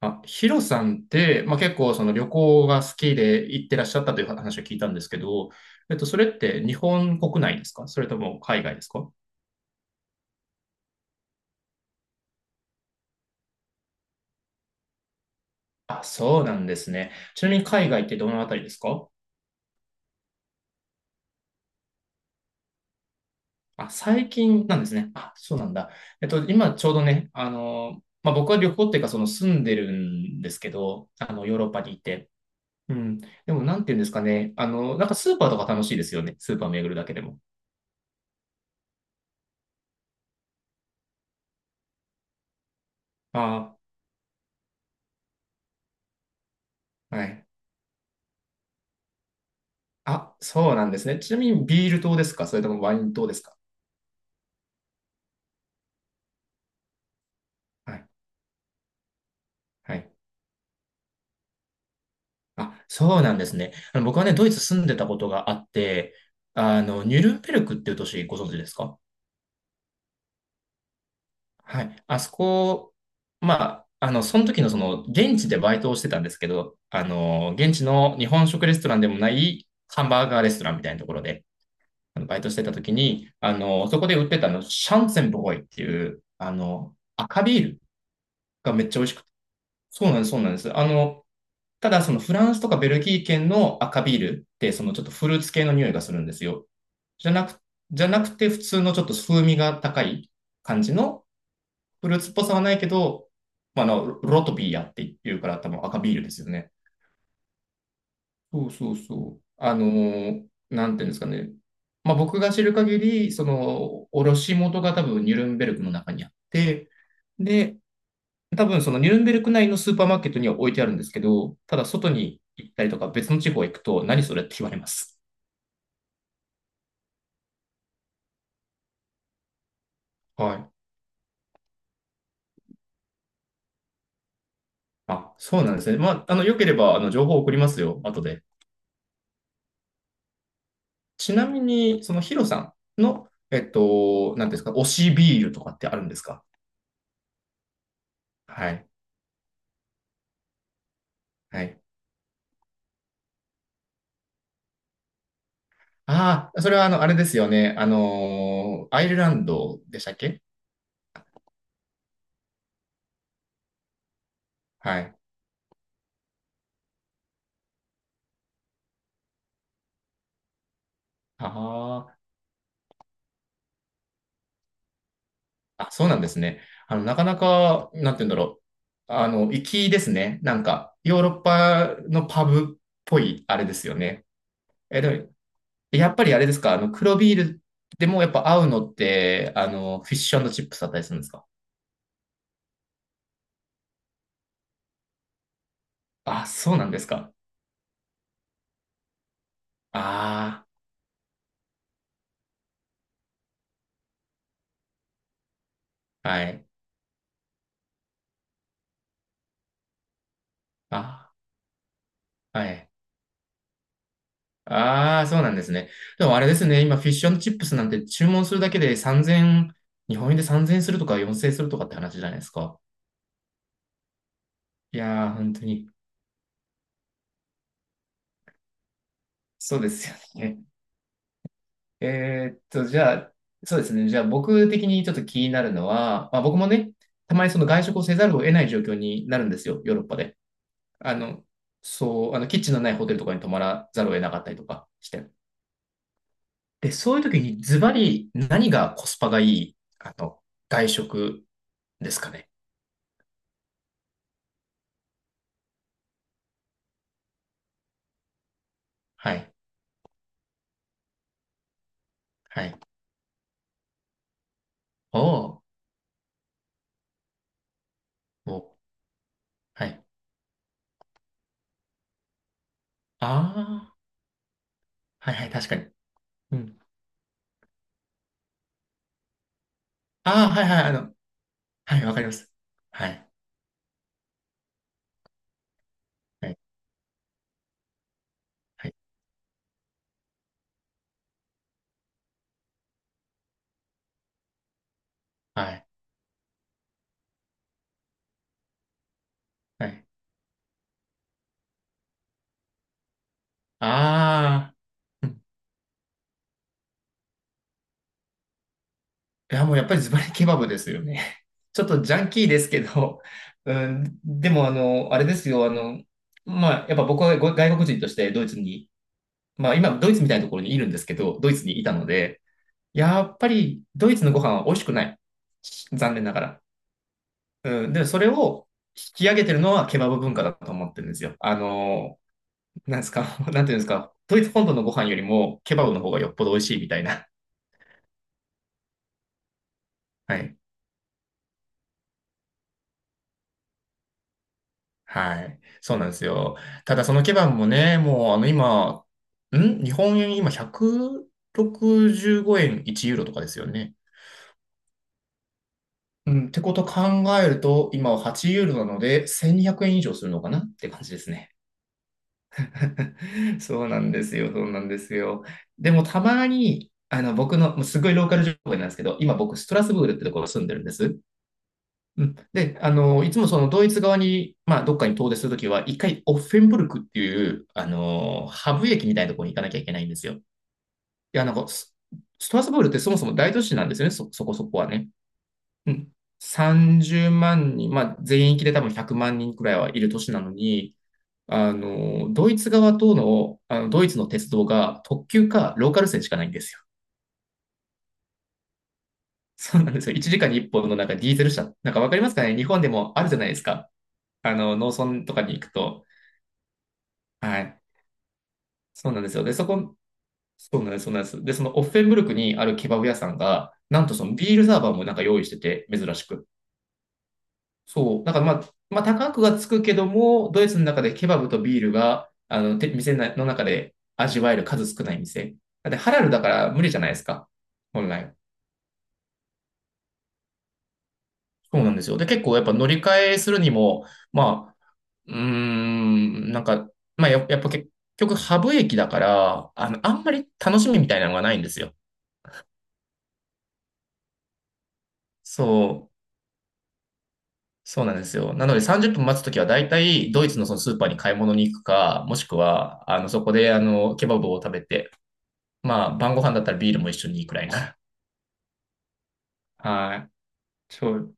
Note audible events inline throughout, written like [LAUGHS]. あ、ヒロさんって、結構その旅行が好きで行ってらっしゃったという話を聞いたんですけど、それって日本国内ですか、それとも海外ですか？あ、そうなんですね。ちなみに海外ってどのあたりですか？あ、最近なんですね。あ、そうなんだ。今ちょうどね、僕は旅行っていうかその住んでるんですけど、ヨーロッパにいて。うん。でもなんていうんですかね。なんかスーパーとか楽しいですよね。スーパー巡るだけでも。ああ、はい。あ、そうなんですね。ちなみにビール島ですか、それともワイン島ですか？はい。はい。あ、そうなんですね。僕はね、ドイツ住んでたことがあって、ニュルンベルクっていう都市ご存知ですか？はい。あそこ、その時の現地でバイトをしてたんですけど、現地の日本食レストランでもないハンバーガーレストランみたいなところで、バイトしてた時に、そこで売ってたシャンツェンボーイっていう、赤ビールがめっちゃ美味しくて。そうなんです、そうなんです。ただ、フランスとかベルギー圏の赤ビールって、ちょっとフルーツ系の匂いがするんですよ。じゃなく、じゃなくて、普通のちょっと風味が高い感じの、フルーツっぽさはないけど、ロロトビアっていうから多分赤ビールですよね。そうそうそう。なんていうんですかね。僕が知る限り、卸元が多分ニュルンベルクの中にあって、で、多分そのニュルンベルク内のスーパーマーケットには置いてあるんですけど、ただ外に行ったりとか別の地方行くと何それって言われます。はい。あ、そうなんですね。良ければ、情報を送りますよ、後で。ちなみに、そのヒロさんの、なんていうんですか、推しビールとかってあるんですか？はい。はい。ああ、それはあれですよね。アイルランドでしたっけ？はい。ああ。あ、そうなんですね。なかなか、なんて言うんだろう。粋ですね。なんか、ヨーロッパのパブっぽい、あれですよね。え、でも、やっぱりあれですか、黒ビールでもやっぱ合うのって、フィッシュチップスだったりするんですか？あ、そうなんですか。ああ、はい。あ、はい。ああ、そうなんですね。でもあれですね、今、フィッシュチップスなんて注文するだけで3000、日本円で3000円するとか4000円するとかって話じゃないですか。いやー、本当に。そうですよね。じゃあ、そうですね。じゃあ、僕的にちょっと気になるのは、僕もね、たまにその外食をせざるを得ない状況になるんですよ、ヨーロッパで。あの、そう、キッチンのないホテルとかに泊まらざるを得なかったりとかして。で、そういう時にズバリ何がコスパがいい、外食ですかね？はい。はい。おー。おー、はい。ああ、はいはい、確かに。うん。ああ、はいはい、はい、わかります。はい。はい。はい。はい。はい。ああ、[LAUGHS] うん。いや、もうやっぱりズバリケバブですよね。[LAUGHS] ちょっとジャンキーですけど、[LAUGHS] うん、でもあれですよ、やっぱ僕はご外国人としてドイツに、今ドイツみたいなところにいるんですけど、ドイツにいたので、やっぱりドイツのご飯は美味しくない。残念ながら。うん、で、それを引き上げてるのはケバブ文化だと思ってるんですよ。なんですか、[LAUGHS] なんていうんですか、ドイツ本土のご飯よりもケバブの方がよっぽど美味しいみたいな。[LAUGHS] はい。はい。そうなんですよ。ただそのケバブもね、もう今、日本円今165円、1ユーロとかですよね。うん、ってこと考えると、今は8ユーロなので、1200円以上するのかなって感じですね。[LAUGHS] そうなんですよ、そうなんですよ。でもたまに、僕の、もうすごいローカル情報なんですけど、今僕、ストラスブールってところに住んでるんです。うん、で、いつもそのドイツ側に、どっかに遠出するときは、一回オッフェンブルクっていう、ハブ駅みたいなところに行かなきゃいけないんですよ。いや、なんかストラスブールってそもそも大都市なんですよね、そこそこはね。うん。30万人、全域で多分100万人くらいはいる都市なのに、ドイツ側との、ドイツの鉄道が特急かローカル線しかないんですよ。[LAUGHS] そうなんですよ。1時間に1本のなんかディーゼル車。なんかわかりますかね、日本でもあるじゃないですか。農村とかに行くと、はい。そうなんですよ。で、そうなんです、そうなんです。で、そのオッフェンブルクにあるケバブ屋さんが、なんとそのビールサーバーもなんか用意してて、珍しく。そう。だからまあ、高くはつくけども、ドイツの中でケバブとビールが、店の中で味わえる数少ない店。だってハラルだから無理じゃないですか。本来。そうなんですよ。で、結構やっぱ乗り換えするにも、まあ、うーん、なんか、やっぱ結局ハブ駅だから、あんまり楽しみみたいなのがないんですよ。そう。そうなんですよ。なので30分待つときは大体ドイツのそのスーパーに買い物に行くか、もしくはそこでケバブを食べて、晩ご飯だったらビールも一緒にいいくらいな。[LAUGHS] はい。ちょ、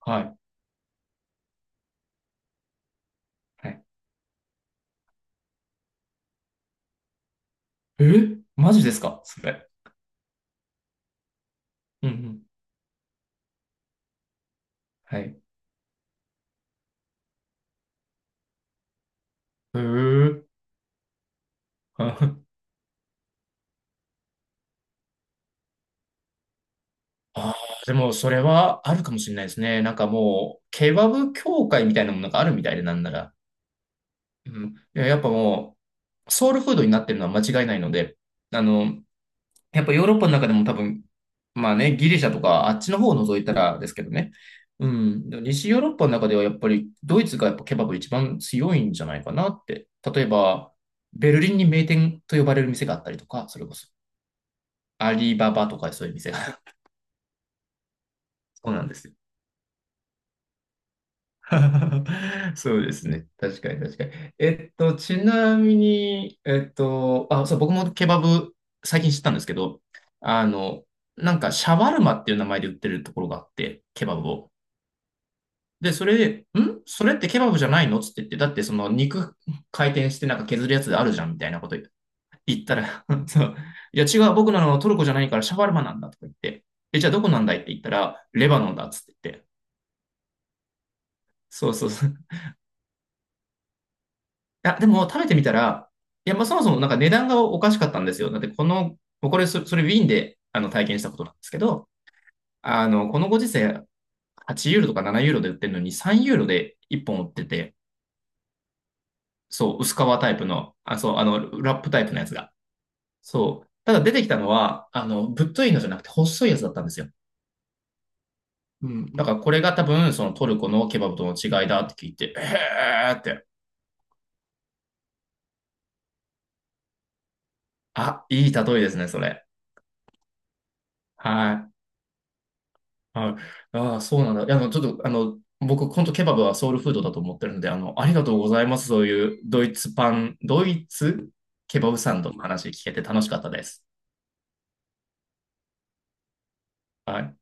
はい。はい。えマジですかそれ？うんうん。はい。へー [LAUGHS] ああー、でもそれはあるかもしれないですね。なんかもう、ケバブ協会みたいなものがあるみたいでなんなら。うん。いや、やっぱもう、ソウルフードになってるのは間違いないので、あの、やっぱヨーロッパの中でも多分、まあね、ギリシャとかあっちの方を除いたらですけどね。うん。でも西ヨーロッパの中ではやっぱりドイツがやっぱケバブ一番強いんじゃないかなって。例えば、ベルリンに名店と呼ばれる店があったりとか、それこそアリババとかそういう店が。 [LAUGHS] そうなんですよ。[LAUGHS] そうですね。確かに確かに。ちなみに、あ、そう、僕もケバブ最近知ったんですけど、あの、なんかシャワルマっていう名前で売ってるところがあって、ケバブを。で、それで、それってケバブじゃないのつって言って、だってその肉回転してなんか削るやつであるじゃんみたいなこと言ったら、[LAUGHS] そう、いや違う、僕なのトルコじゃないからシャワルマなんだとか言って、え、じゃあどこなんだいって言ったら、レバノンだっつって言って、そうそうそう。いや、でも食べてみたら、いや、そもそもなんか値段がおかしかったんですよ。だってこの、もうこれそ、それウィーンで体験したことなんですけど、このご時世8ユーロとか7ユーロで売ってるのに3ユーロで1本売ってて、そう、薄皮タイプの、あ、そう、ラップタイプのやつが。そう。ただ出てきたのは、ぶっといのじゃなくて細いやつだったんですよ。うん、だからこれが多分そのトルコのケバブとの違いだって聞いて、えーって、あ、いい例えですね、それ。はい。はい。ああ、そうなんだ。いや、ちょっと、僕、本当ケバブはソウルフードだと思ってるんで、ありがとうございます。そういうドイツケバブサンドの話聞けて楽しかったです。はい。